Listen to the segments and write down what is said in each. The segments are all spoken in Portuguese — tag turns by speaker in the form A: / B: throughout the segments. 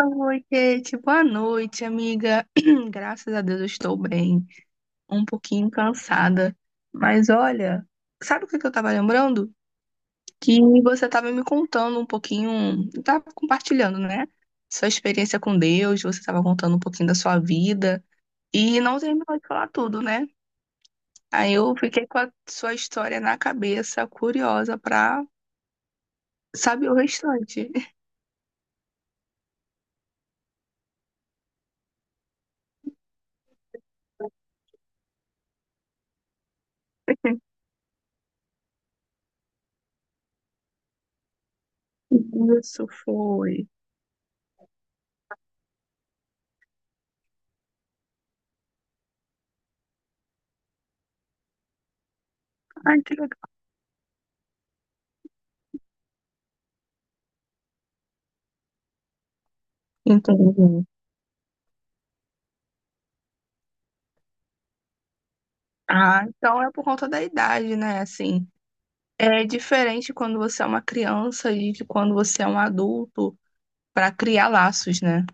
A: Oi, Kate. Boa noite, amiga. Graças a Deus eu estou bem. Um pouquinho cansada. Mas olha, sabe o que eu estava lembrando? Que você estava me contando um pouquinho, estava compartilhando, né? Sua experiência com Deus, você estava contando um pouquinho da sua vida e não terminou de falar tudo, né? Aí eu fiquei com a sua história na cabeça, curiosa para saber o restante. Isso foi. Ai, que legal. Entendi. Ah, então é por conta da idade, né? Assim, é diferente quando você é uma criança e de quando você é um adulto para criar laços, né?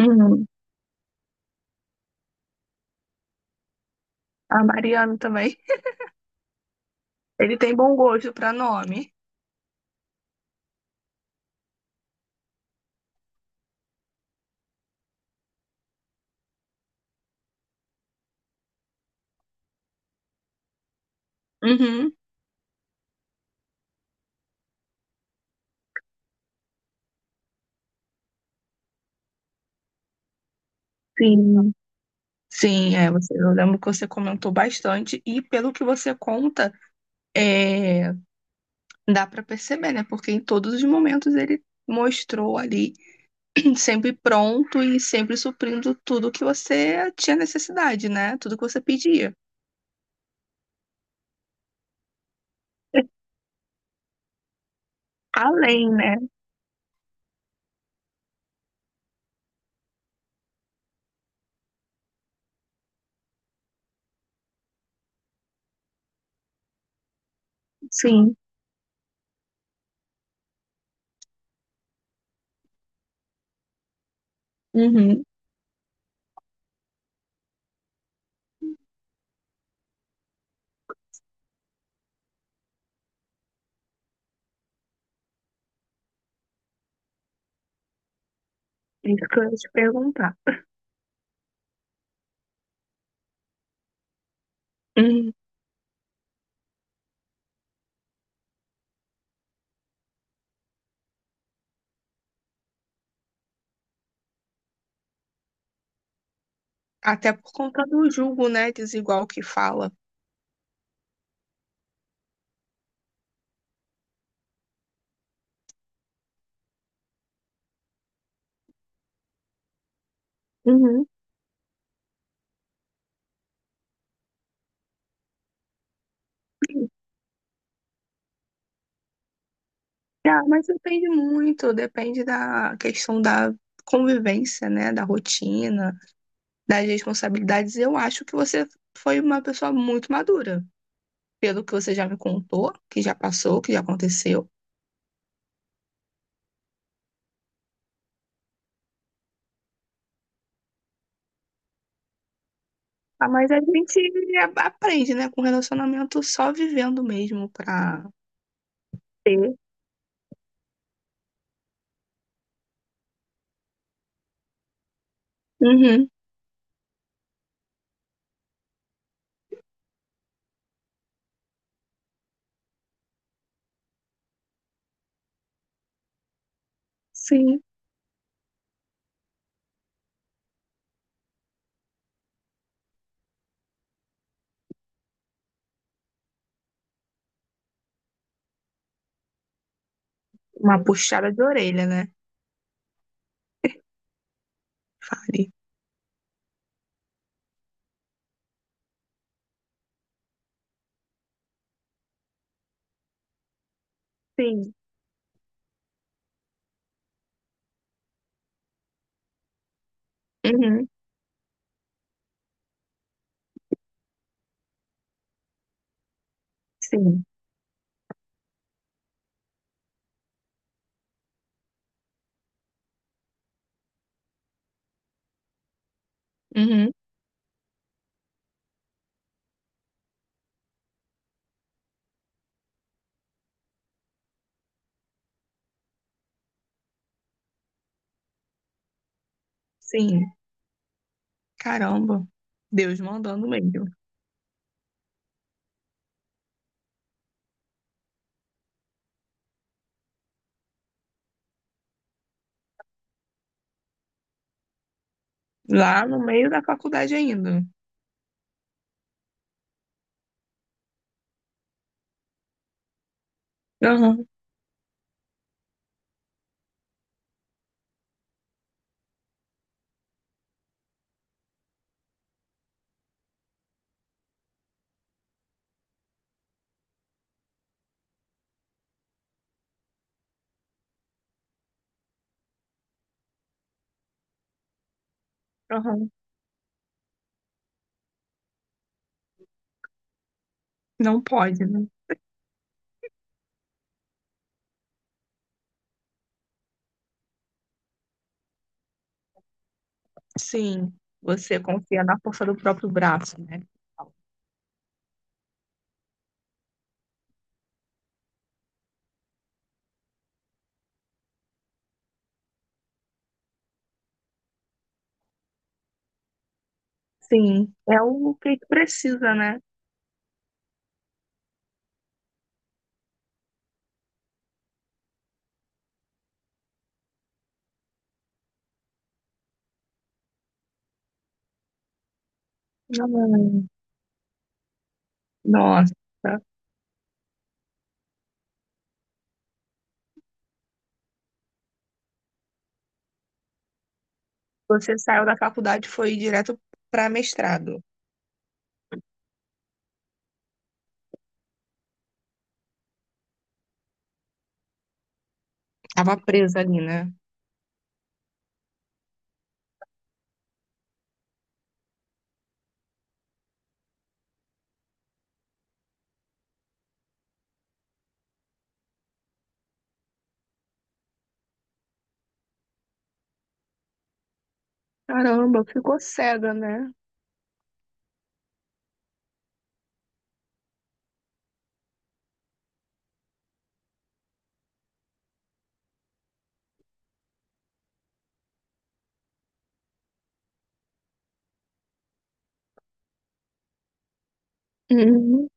A: Uhum. A Mariana também. Ele tem bom gosto para nome. Uhum. Sim. Sim, é, você, eu lembro que você comentou bastante e pelo que você conta, é, dá para perceber, né? Porque em todos os momentos ele mostrou ali sempre pronto e sempre suprindo tudo que você tinha necessidade, né? Tudo que você pedia. Além, né? Sim, uhum, isso que eu ia te perguntar. Uhum. Até por conta do julgo, né, desigual que fala. Uhum. Ah, mas depende muito, depende da questão da convivência, né, da rotina, das responsabilidades. Eu acho que você foi uma pessoa muito madura, pelo que você já me contou, que já passou, que já aconteceu. Ah, mas a gente aprende, né, com relacionamento só vivendo mesmo pra. Ter. Uhum. Sim. Uma puxada de orelha, né? Fale. Sim. Uhum. Sim. Uhum. Sim. Caramba. Deus mandando mesmo. Lá no meio da faculdade ainda. Aham. Aham. Não pode, né? Sim. Você confia na força do próprio braço, né? Sim. É o que precisa, né? Hum, nossa. Você saiu da faculdade e foi direto para mestrado. Tava presa ali, né? Caramba, ficou cega, né? Uhum.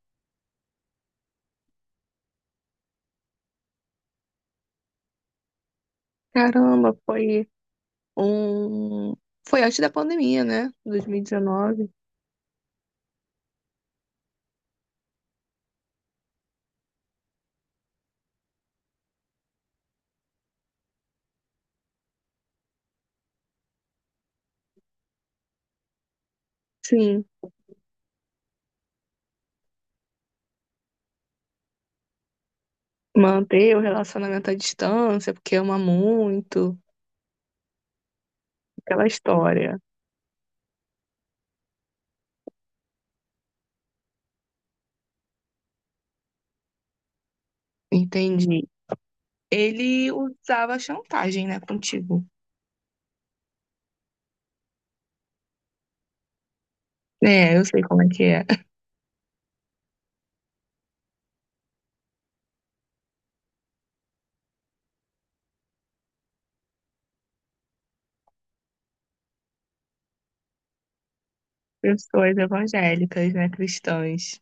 A: Caramba, foi um. Foi antes da pandemia, né? 2019. Sim, manter o relacionamento à distância, porque ama muito, aquela história. Entendi. Ele usava chantagem, né, contigo. É, eu sei como é que é. Pessoas evangélicas, né, cristãs.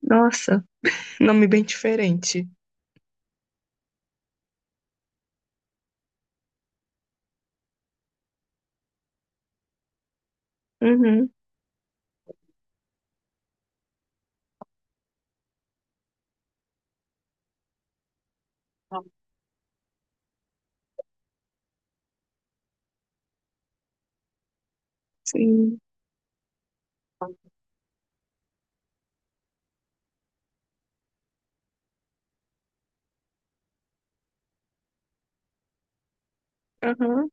A: Nossa, nome bem diferente. Uhum. Sim. Aham.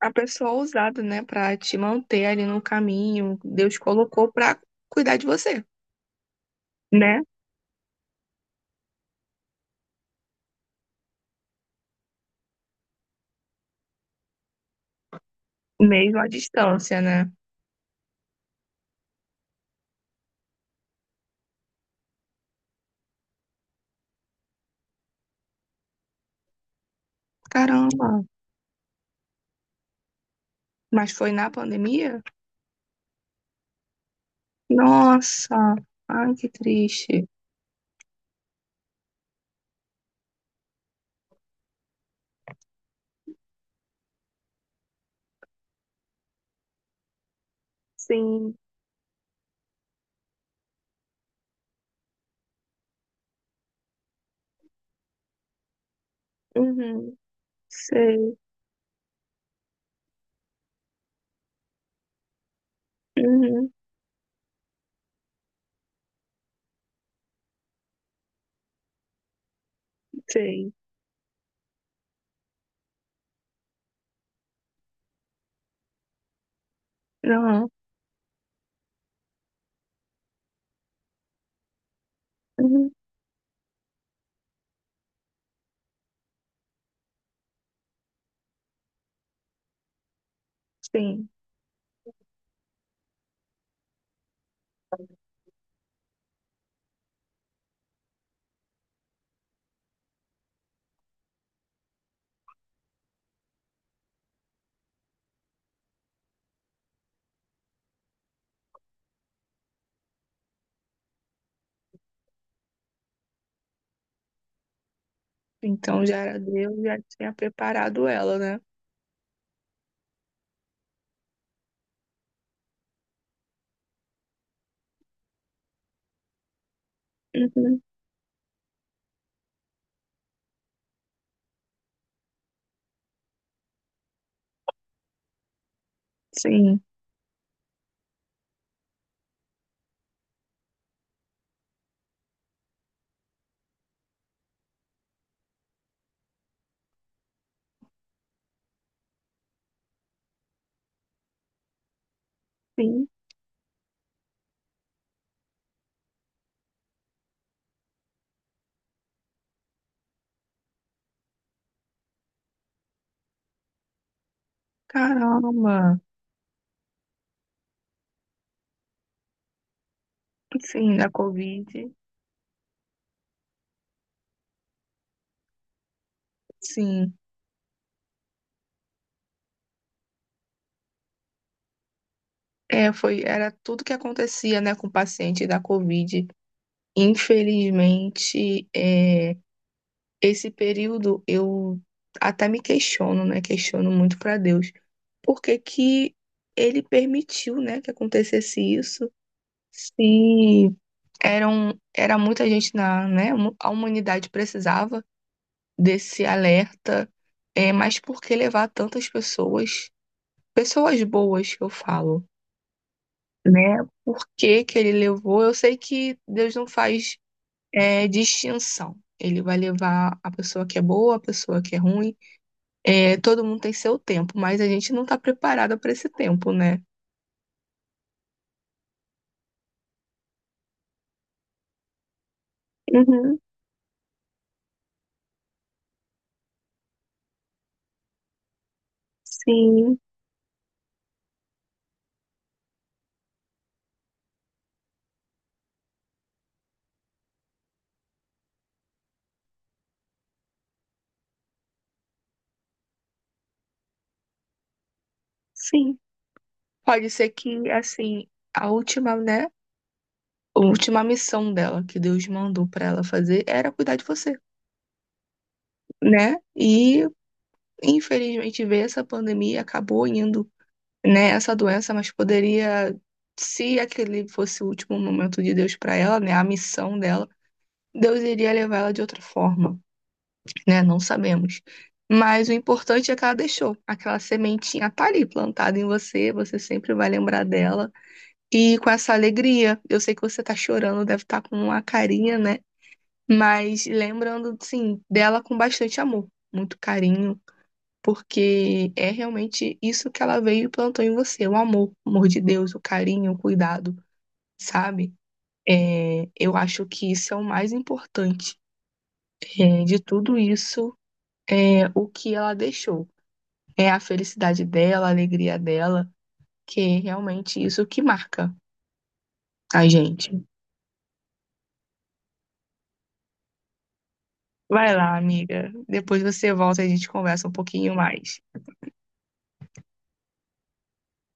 A: A pessoa ousada, né, pra te manter ali no caminho, Deus colocou pra cuidar de você. Né? Mesmo à distância, né? Caramba, mas foi na pandemia? Nossa, ai que triste. Sim, uhum, sei, uhum, sei, não, uhum, sim. Então já era Deus, já tinha preparado ela, né? Uhum, sim, sim, caramba, sim, da Covid, sim. É, foi, era tudo que acontecia, né, com o paciente da Covid. Infelizmente, é. Esse período eu até me questiono, né? Questiono muito para Deus. Por que que ele permitiu, né, que acontecesse isso? Se eram era muita gente na, né? A humanidade precisava desse alerta, é, mas por que levar tantas pessoas? Pessoas boas que eu falo, né? Por que que ele levou? Eu sei que Deus não faz é, distinção. Ele vai levar a pessoa que é boa, a pessoa que é ruim, é, todo mundo tem seu tempo, mas a gente não está preparada para esse tempo, né? Uhum, sim, sim. Pode ser que, assim, a última, né? A última missão dela que Deus mandou para ela fazer era cuidar de você, né? E infelizmente ver essa pandemia acabou indo, né? Essa doença, mas poderia, se aquele fosse o último momento de Deus para ela, né? A missão dela, Deus iria levar ela de outra forma. Né? Não sabemos. Mas o importante é que ela deixou. Aquela sementinha tá ali plantada em você, você sempre vai lembrar dela. E com essa alegria, eu sei que você tá chorando, deve estar com uma carinha, né? Mas lembrando, sim, dela com bastante amor, muito carinho, porque é realmente isso que ela veio e plantou em você, o amor de Deus, o carinho, o cuidado, sabe? É, eu acho que isso é o mais importante, é, de tudo isso, é o que ela deixou. É a felicidade dela, a alegria dela, que é realmente isso que marca a gente. Vai lá, amiga. Depois você volta e a gente conversa um pouquinho mais.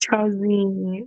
A: Tchauzinho.